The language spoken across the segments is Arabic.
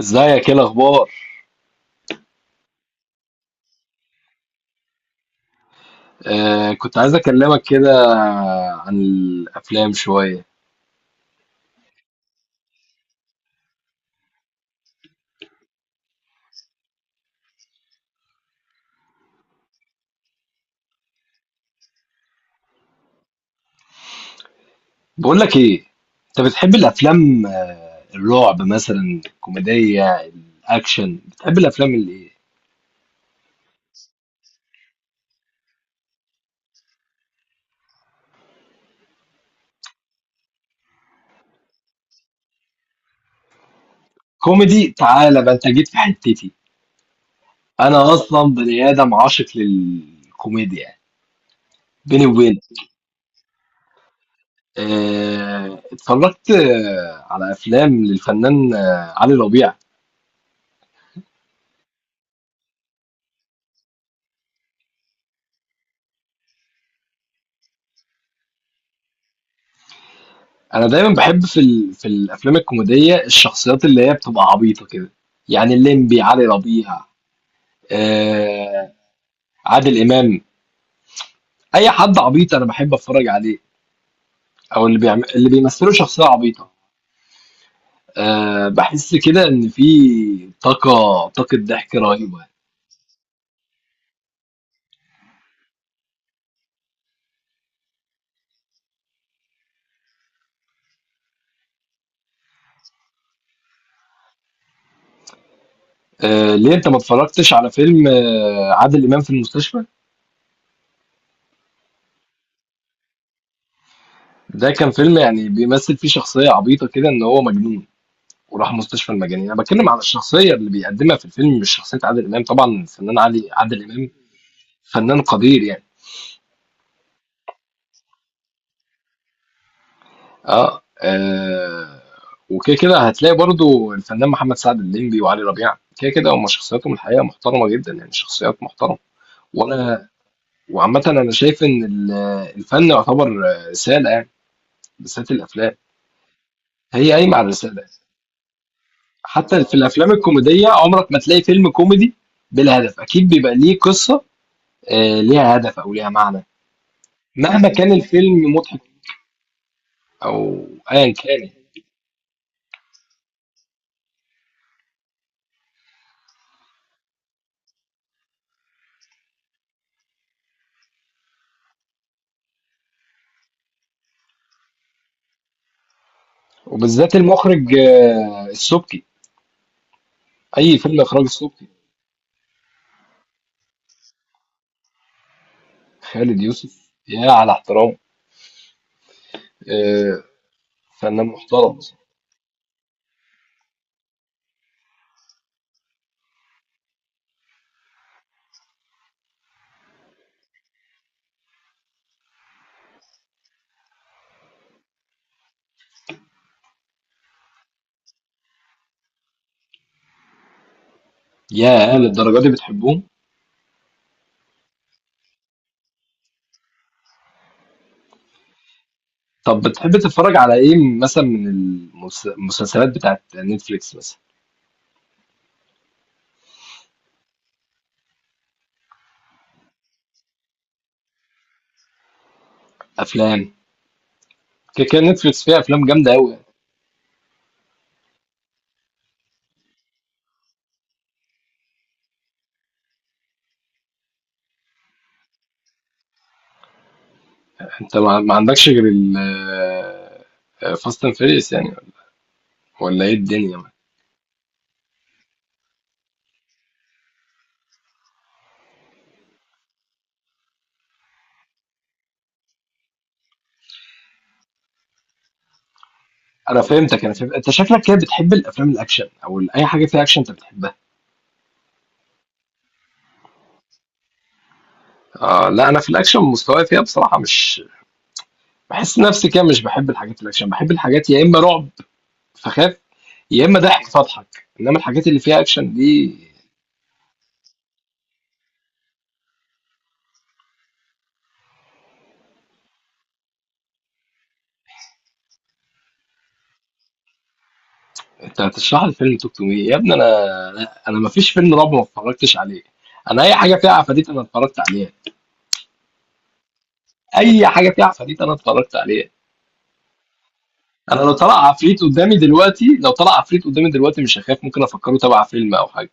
ازيك؟ ايه الاخبار؟ كنت عايز اكلمك كده عن الافلام شويه. بقول لك ايه، انت بتحب الافلام، الرعب مثلا، الكوميديه، الاكشن؟ بتحب الافلام اللي ايه؟ كوميدي؟ تعالى بقى، انت جيت في حتتي. انا اصلا بني ادم عاشق للكوميديا، بيني وبينك. اتفرجت على افلام للفنان علي ربيع. انا دايما بحب في الافلام الكوميديه الشخصيات اللي هي بتبقى عبيطه كده، يعني الليمبي، علي ربيع، آه... عادل امام. اي حد عبيط انا بحب اتفرج عليه، او اللي بيعمل، اللي بيمثلوا شخصيه عبيطه. بحس كده ان في طاقه طاقه ضحك رهيبه. ليه انت ما اتفرجتش على فيلم عادل امام في المستشفى؟ ده كان فيلم يعني بيمثل فيه شخصيه عبيطه كده ان هو مجنون، وراح مستشفى المجانين. انا بتكلم على الشخصيه اللي بيقدمها في الفيلم، مش شخصيه عادل امام. طبعا الفنان عادل امام فنان قدير يعني. اه، آه. وكده كده هتلاقي برضو الفنان محمد سعد، الليمبي، وعلي ربيع، كده كده هم شخصياتهم الحقيقه محترمه جدا، يعني شخصيات محترمه. وانا وعامه انا شايف ان الفن يعتبر رساله يعني، بالذات الافلام. هي قايمه على الرساله. حتى في الافلام الكوميديه عمرك ما تلاقي فيلم كوميدي بلا هدف، اكيد بيبقى ليه قصه، ليها هدف او ليها معنى، مهما كان الفيلم مضحك او ايا كان. وبالذات المخرج السبكي، اي فيلم اخراج السبكي. خالد يوسف يا على احترام، آه، فنان محترم. يا للدرجه دي بتحبهم؟ طب بتحب تتفرج على ايه مثلا من المسلسلات بتاعت نتفليكس مثلا؟ افلام. كده كده نتفليكس فيها افلام جامده قوي. انت ما عندكش غير ال فاست اند فيريس يعني، ولا ايه الدنيا؟ انا فهمت انت شكلك كده بتحب الافلام الاكشن او اي حاجه فيها اكشن انت بتحبها. لا انا في الاكشن مستواي فيها بصراحه مش، بحس نفسي كده مش بحب الحاجات الاكشن، بحب الحاجات يا اما رعب فخاف، يا اما ضحك فاضحك، انما الحاجات اللي فيها اكشن دي. انت هتشرح لي فيلم توك تو مي يا ابني؟ لا انا ما فيش فيلم رعب ما اتفرجتش عليه. انا اي حاجه فيها عفاريت انا اتفرجت عليها، اي حاجه فيها عفاريت انا اتفرجت عليها. انا لو طلع عفريت قدامي دلوقتي، لو طلع عفريت قدامي دلوقتي، مش هخاف، ممكن افكره تبع فيلم او حاجه.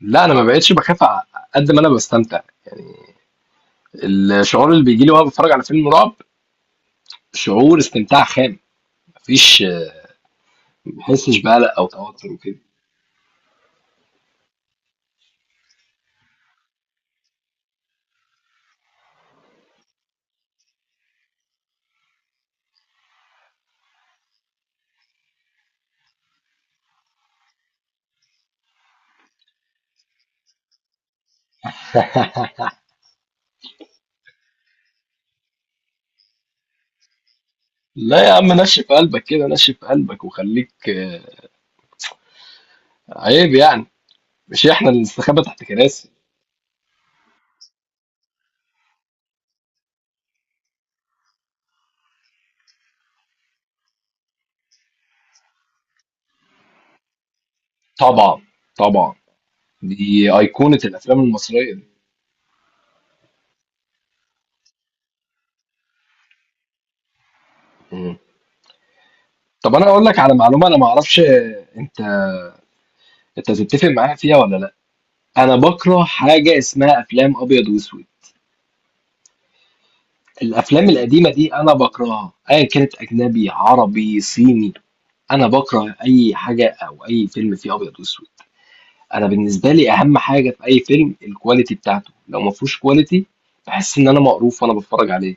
لا انا ما بقتش بخاف قد ما انا بستمتع، الشعور اللي بيجي لي وانا بتفرج على فيلم رعب شعور استمتاع خام، مفيش، ما بحسش بقلق او توتر وكده. لا يا عم، نشف قلبك كده، نشف قلبك وخليك، عيب يعني، مش احنا اللي نستخبى تحت كراسي. طبعا، طبعا، دي ايقونة الافلام المصرية دي. مم. طب انا اقول لك على معلومة، انا ما اعرفش، انت تتفق معايا فيها ولا لا؟ انا بكره حاجة اسمها افلام ابيض واسود، الأفلام القديمة دي أنا باكرهها، أيًا كانت أجنبي، عربي، صيني، أنا باكره أي حاجة أو أي فيلم فيه أبيض وأسود. أنا بالنسبة لي أهم حاجة في أي فيلم الكواليتي بتاعته، لو ما فيهوش كواليتي باحس إن أنا مقروف وأنا باتفرج عليه.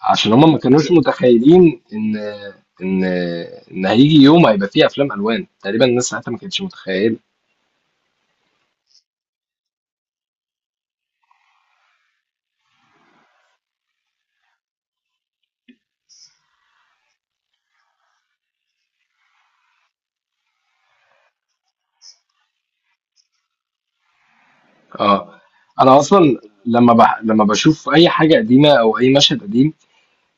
عشان هما ما كانوش متخيلين إن إن إن هيجي يوم هيبقى فيه أفلام ألوان، تقريبًا الناس ساعتها ما كانتش متخيلة. آه، أنا أصلًا لما باشوف أي حاجة قديمة أو أي مشهد قديم،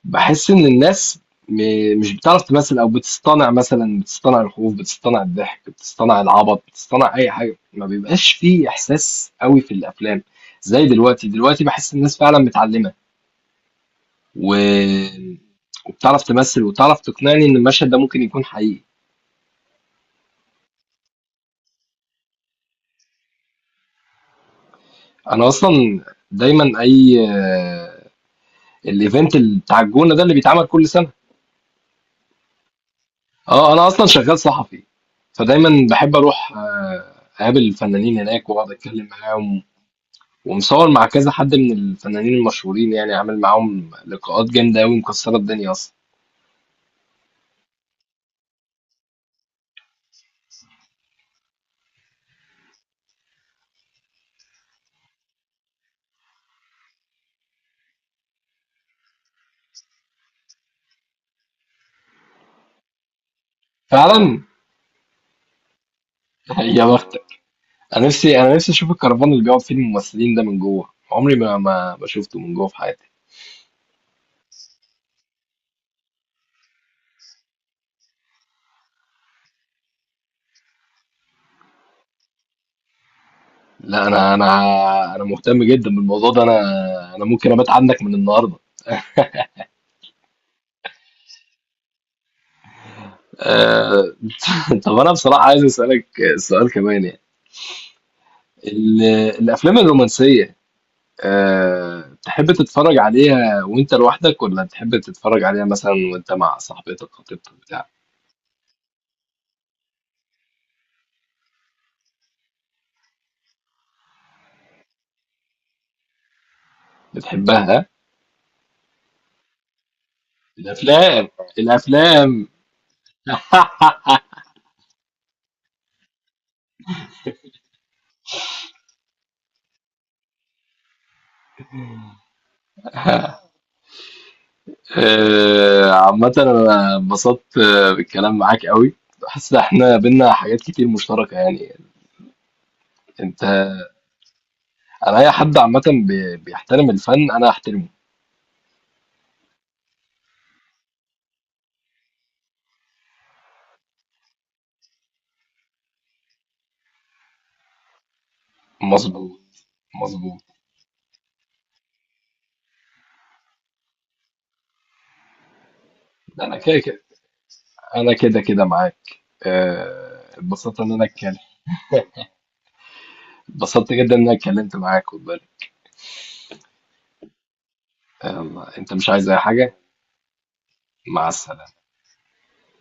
باحس إن الناس م مش بتعرف تمثّل أو بتصطنع، مثلًا بتصطنع الخوف، بتصطنع الضحك، بتصطنع العبط، بتصطنع أي حاجة، ما بيبقاش في إحساس أوي في الأفلام، زي دلوقتي، دلوقتي باحس الناس فعلًا متعلّمة و وبتعرف تمثّل وبتعرف تقنعني إن المشهد ده ممكن يكون حقيقي. أنا أصلًا دايمًا أي الevent بتاع الجونة ده اللي بيتعمل كل سنة، أنا أصلًا شغّال صحفي، فدايمًا باحب أروح أقابل الفنانين هناك وأقعد أتكلّم معاهم، ومصور مع كذا حد من الفنانين المشهورين، يعني عامل معاهم لقاءات جامدة أوي مكسرة الدنيا أصلا. فعلا. يا بختك. أنا نفسي أشوف الكرفان اللي بيقعد فيه الممثلين ده من جوه، عمري ما شفته من جوه في حياتي. لا أنا مهتم جدا بالموضوع ده، أنا أنا ممكن أبات عندك من النهاردة. أه. طب أنا بصراحة عايز أسألك سؤال كمان يعني، ال- الأفلام الرومانسية، تحب تتفرج عليها وانت لوحدك ولا تحب تتفرج عليها مثلا وانت مع صاحبتك، خطيبتك، بتاع؟ بتحبها؟ الافلام، الافلام. عامة انا انبسطت بالكلام معاك قوي، حاسس ان احنا بينا حاجات كتير مشتركة يعني. انت انا اي حد عامة بيحترم الفن انا احترمه. مظبوط، مظبوط. انا كده كده انا كده كده معاك، اتبسطت ان انا اتكلم، اتبسطت جدا ان انا اتكلمت معاك. انت مش عايز اي حاجة؟ مع السلامة.